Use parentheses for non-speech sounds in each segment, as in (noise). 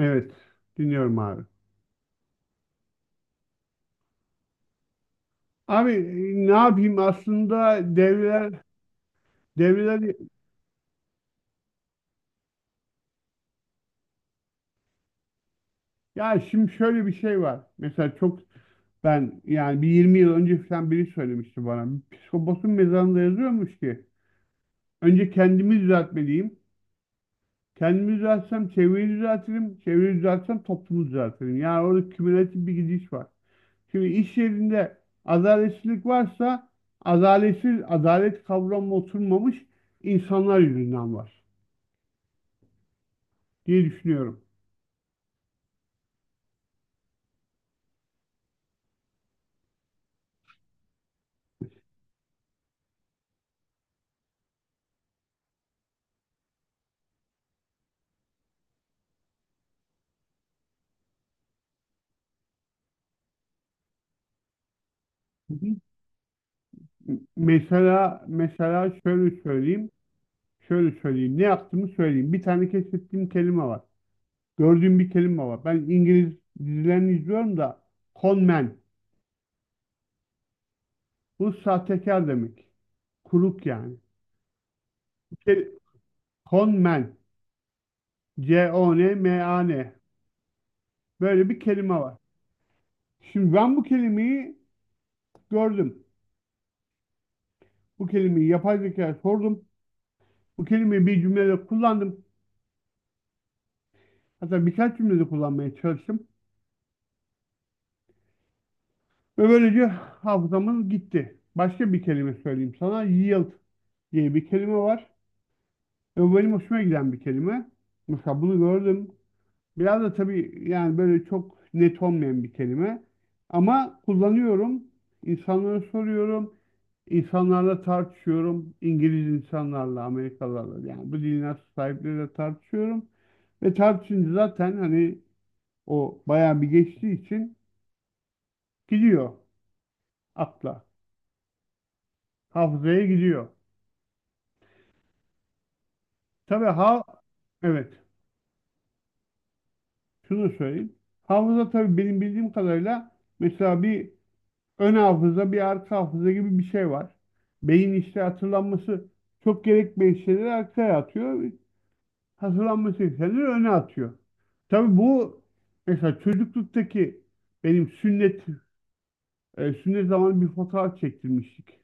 Evet, dinliyorum abi. Abi, ne yapayım aslında devreler ya, şimdi şöyle bir şey var. Mesela çok, ben yani bir 20 yıl önce falan biri söylemişti bana. Psikoposun mezarında yazıyormuş ki önce kendimi düzeltmeliyim. Kendimi düzeltsem çevreyi düzeltirim. Çevreyi düzeltsem toplumu düzeltirim. Yani orada kümülatif bir gidiş var. Şimdi iş yerinde adaletsizlik varsa, adaletsiz adalet kavramı oturmamış insanlar yüzünden var diye düşünüyorum. Hı hı. Mesela şöyle söyleyeyim. Ne yaptığımı söyleyeyim. Bir tane keşfettiğim kelime var. Gördüğüm bir kelime var. Ben İngiliz dizilerini izliyorum da, con man. Bu sahtekar demek. Kuruk yani. Kel- Con man. C-O-N-M-A-N. Böyle bir kelime var. Şimdi ben bu kelimeyi gördüm. Bu kelimeyi yapay zekaya sordum. Bu kelimeyi bir cümlede kullandım. Hatta birkaç cümlede kullanmaya çalıştım. Ve böylece hafızamız gitti. Başka bir kelime söyleyeyim sana. Yield diye bir kelime var. Ve benim hoşuma giden bir kelime. Mesela bunu gördüm. Biraz da tabii yani böyle çok net olmayan bir kelime. Ama kullanıyorum. İnsanlara soruyorum. İnsanlarla tartışıyorum. İngiliz insanlarla, Amerikalılarla, yani bu dilin sahipleriyle tartışıyorum. Ve tartışınca zaten, hani, o bayağı bir geçtiği için gidiyor akla. Hafızaya gidiyor. Tabii, ha, evet. Şunu söyleyeyim. Hafıza, tabii, benim bildiğim kadarıyla, mesela bir ön hafıza, bir arka hafıza gibi bir şey var. Beyin işte hatırlanması çok gerekmeyen şeyleri arkaya atıyor. Hatırlanması gerekenleri öne atıyor. Tabii bu, mesela çocukluktaki, benim sünnet zamanı bir fotoğraf çektirmiştik.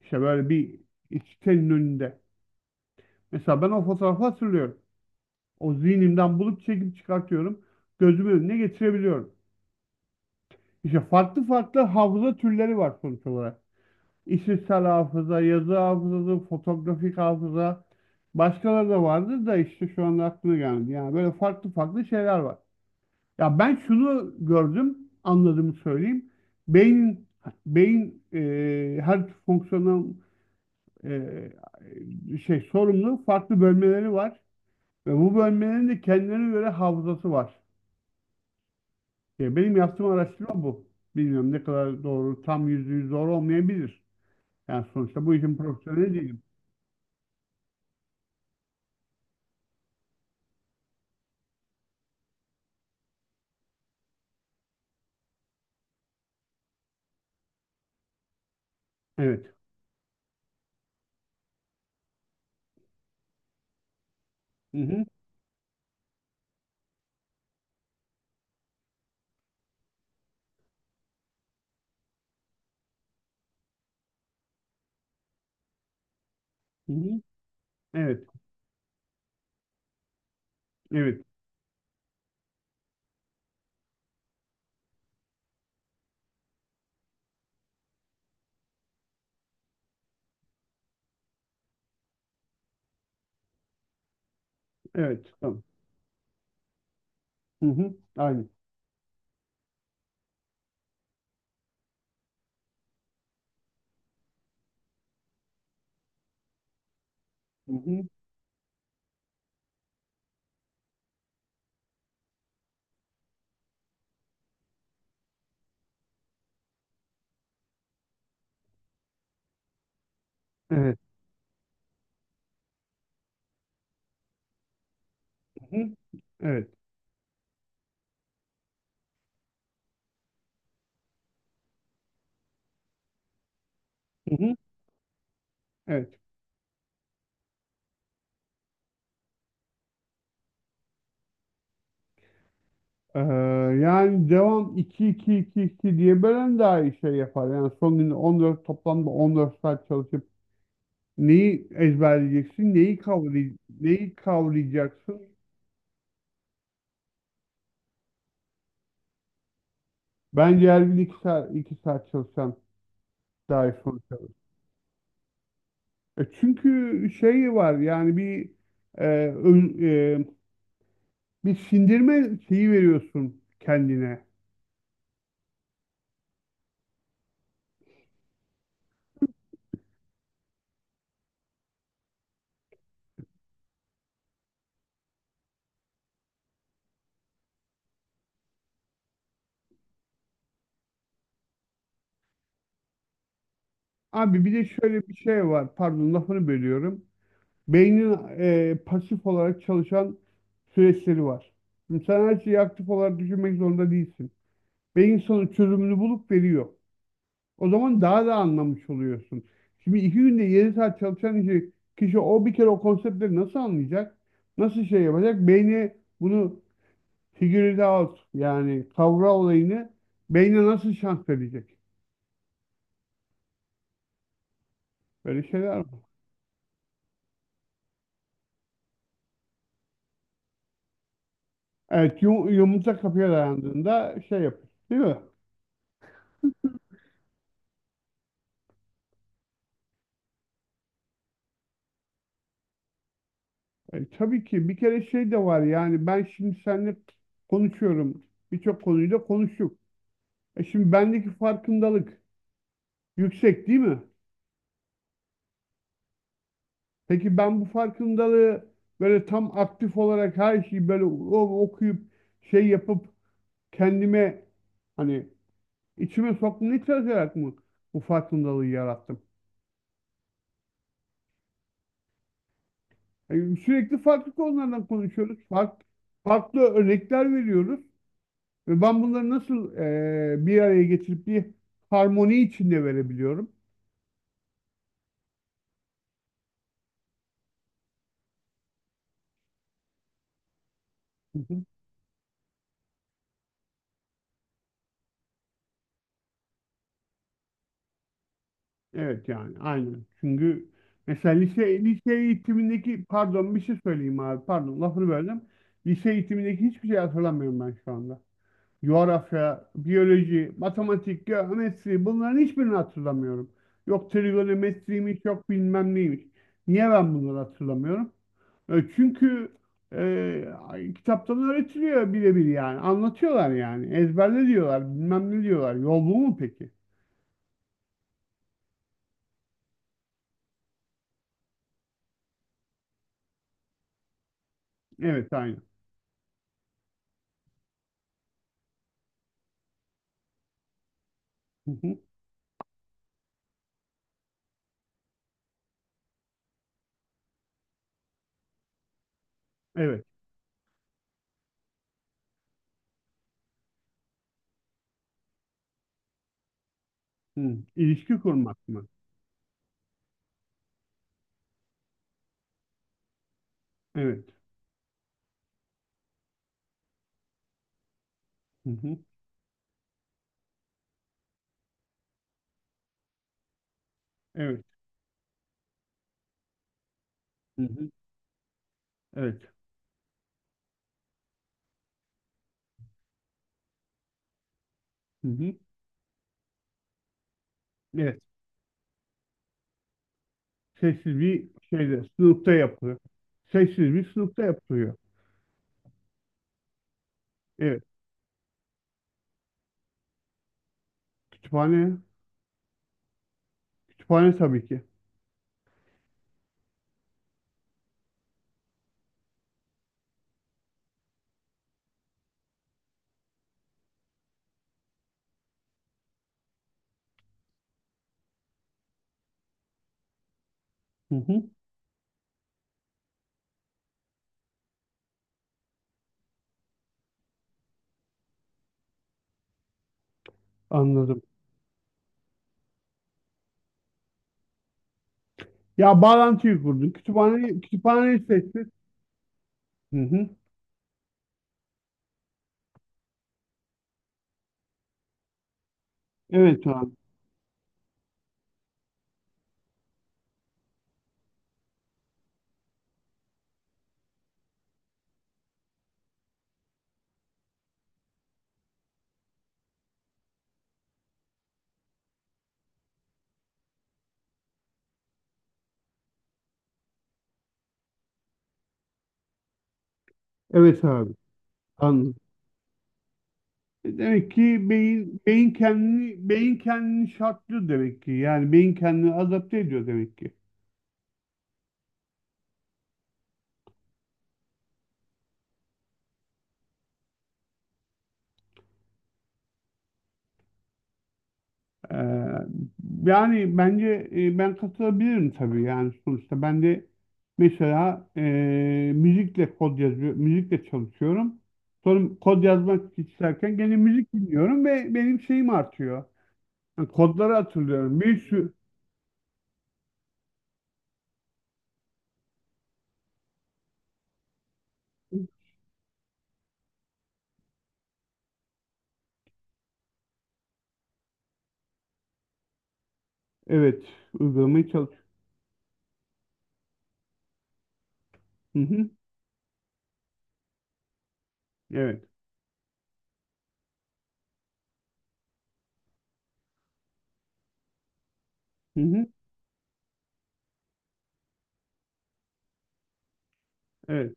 İşte böyle bir sitenin önünde. Mesela ben o fotoğrafı hatırlıyorum. O zihnimden bulup çekip çıkartıyorum. Gözümün önüne getirebiliyorum. İşte farklı farklı hafıza türleri var sonuç olarak. İşitsel hafıza, yazı hafızası, fotoğrafik hafıza. Başkaları da vardır da işte şu anda aklıma gelmedi. Yani böyle farklı farklı şeyler var. Ya ben şunu gördüm, anladığımı söyleyeyim. Beynin, her fonksiyonel e, şey sorumlu farklı bölmeleri var ve bu bölmelerin de kendilerine göre hafızası var. Ya benim yaptığım araştırma bu. Bilmiyorum ne kadar doğru, tam yüzde yüz doğru olmayabilir. Yani sonuçta bu işin profesyoneli değilim. Evet. Hı hı. Hı hı. Evet. Evet. Evet. Tamam. Hı hı. Aynı. Hı hı. Evet. Hı hı. Evet. Hı hı. Evet. Ee, yani devam, iki iki iki iki diye bölen daha iyi şey yapar. Yani son gün 14, toplamda 14 saat çalışıp neyi ezberleyeceksin, neyi kavrayacaksın? Bence her gün 2 saat, 2 saat çalışan daha iyi sonuç alır. Çünkü şey var, yani bir e, ön- e, bir sindirme şeyi veriyorsun kendine. Abi bir de şöyle bir şey var. Pardon, lafını bölüyorum. Beynin pasif olarak çalışan süreçleri var. Şimdi sen her şeyi aktif olarak düşünmek zorunda değilsin. Beyin sana çözümünü bulup veriyor. O zaman daha da anlamış oluyorsun. Şimdi iki günde 7 saat çalışan kişi o bir kere o konseptleri nasıl anlayacak? Nasıl şey yapacak? Beyni bunu figure it out, yani kavra olayını beyne nasıl şans verecek? Böyle şeyler var. Evet, yumurta kapıya dayandığında şey yapıyor, değil mi? Tabii ki bir kere şey de var, yani ben şimdi seninle konuşuyorum. Birçok konuyu da konuştuk. Şimdi bendeki farkındalık yüksek, değil mi? Peki ben bu farkındalığı böyle tam aktif olarak, her şeyi böyle okuyup şey yapıp kendime, hani, içime soktum, ne kadar yarat mı bu farkındalığı yarattım? Yani sürekli farklı konulardan konuşuyoruz. Farklı örnekler veriyoruz. Ve ben bunları nasıl bir araya getirip bir harmoni içinde verebiliyorum? Hı hı. Evet, yani aynen. Çünkü mesela lise eğitimindeki, pardon, bir şey söyleyeyim abi, pardon, lafını böldüm. Lise eğitimindeki hiçbir şey hatırlamıyorum ben şu anda. Coğrafya, biyoloji, matematik, geometri, bunların hiçbirini hatırlamıyorum. Yok trigonometriymiş, yok bilmem neymiş. Niye ben bunları hatırlamıyorum? Çünkü kitaptan öğretiliyor birebir yani. Anlatıyorlar yani. Ezberle diyorlar, bilmem ne diyorlar. Yol bu mu peki? Evet, aynı. Hı hı. Evet. Hı. İlişki kurmak mı? Evet. Hı hı. Evet. Hı hı. Evet. Hı hı. Evet. Sessiz bir şeyde, sınıfta yapılıyor. Sessiz bir sınıfta yapılıyor. Evet, kütüphane, kütüphane tabii ki. Hı hı, anladım. Ya, bağlantıyı kurdun. Kütüphane, kütüphaneyi seçtin. Hı hı. Evet abi. Evet abi. Anladım. Demek ki beyin kendini şartlıyor demek ki. Yani beyin kendini adapte ediyor demek ki. Ee, yani bence, ben katılabilirim tabii, yani sonuçta ben de mesela müzikle kod yazıyor, müzikle çalışıyorum. Sonra kod yazmak isterken gene müzik dinliyorum ve benim şeyim artıyor. Yani kodları hatırlıyorum. Bir sürü, evet, uygulamayı çalışıyorum. Hı hı, evet. Hı hı, evet.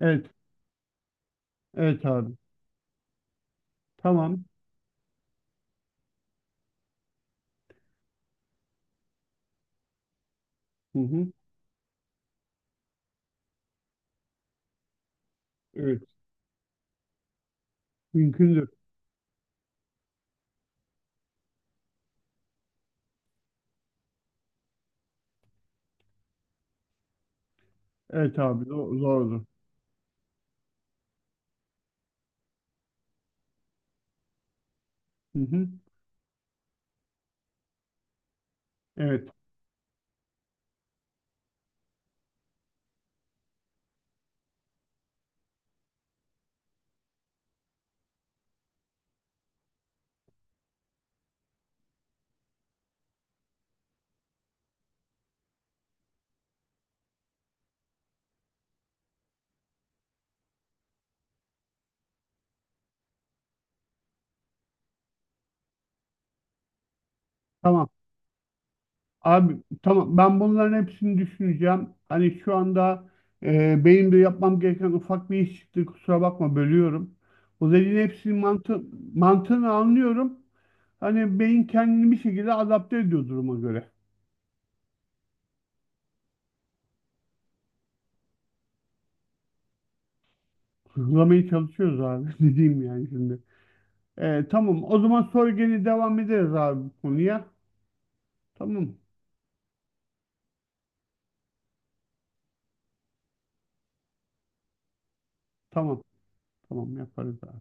Evet. Evet abi. Tamam. Hı hı, evet. Mümkündür. Evet abi. Zordur. Hı hı, evet. Tamam. Abi, tamam, ben bunların hepsini düşüneceğim. Hani şu anda benim de yapmam gereken ufak bir iş çıktı. Kusura bakma, bölüyorum. Bu dediğin hepsinin mantığını anlıyorum. Hani beyin kendini bir şekilde adapte ediyor duruma göre. Hızlamaya çalışıyoruz abi. (laughs) Dediğim yani şimdi. Tamam, o zaman sonra gene devam ederiz abi bu konuya. Tamam, tamam, tamam, yaparız abi.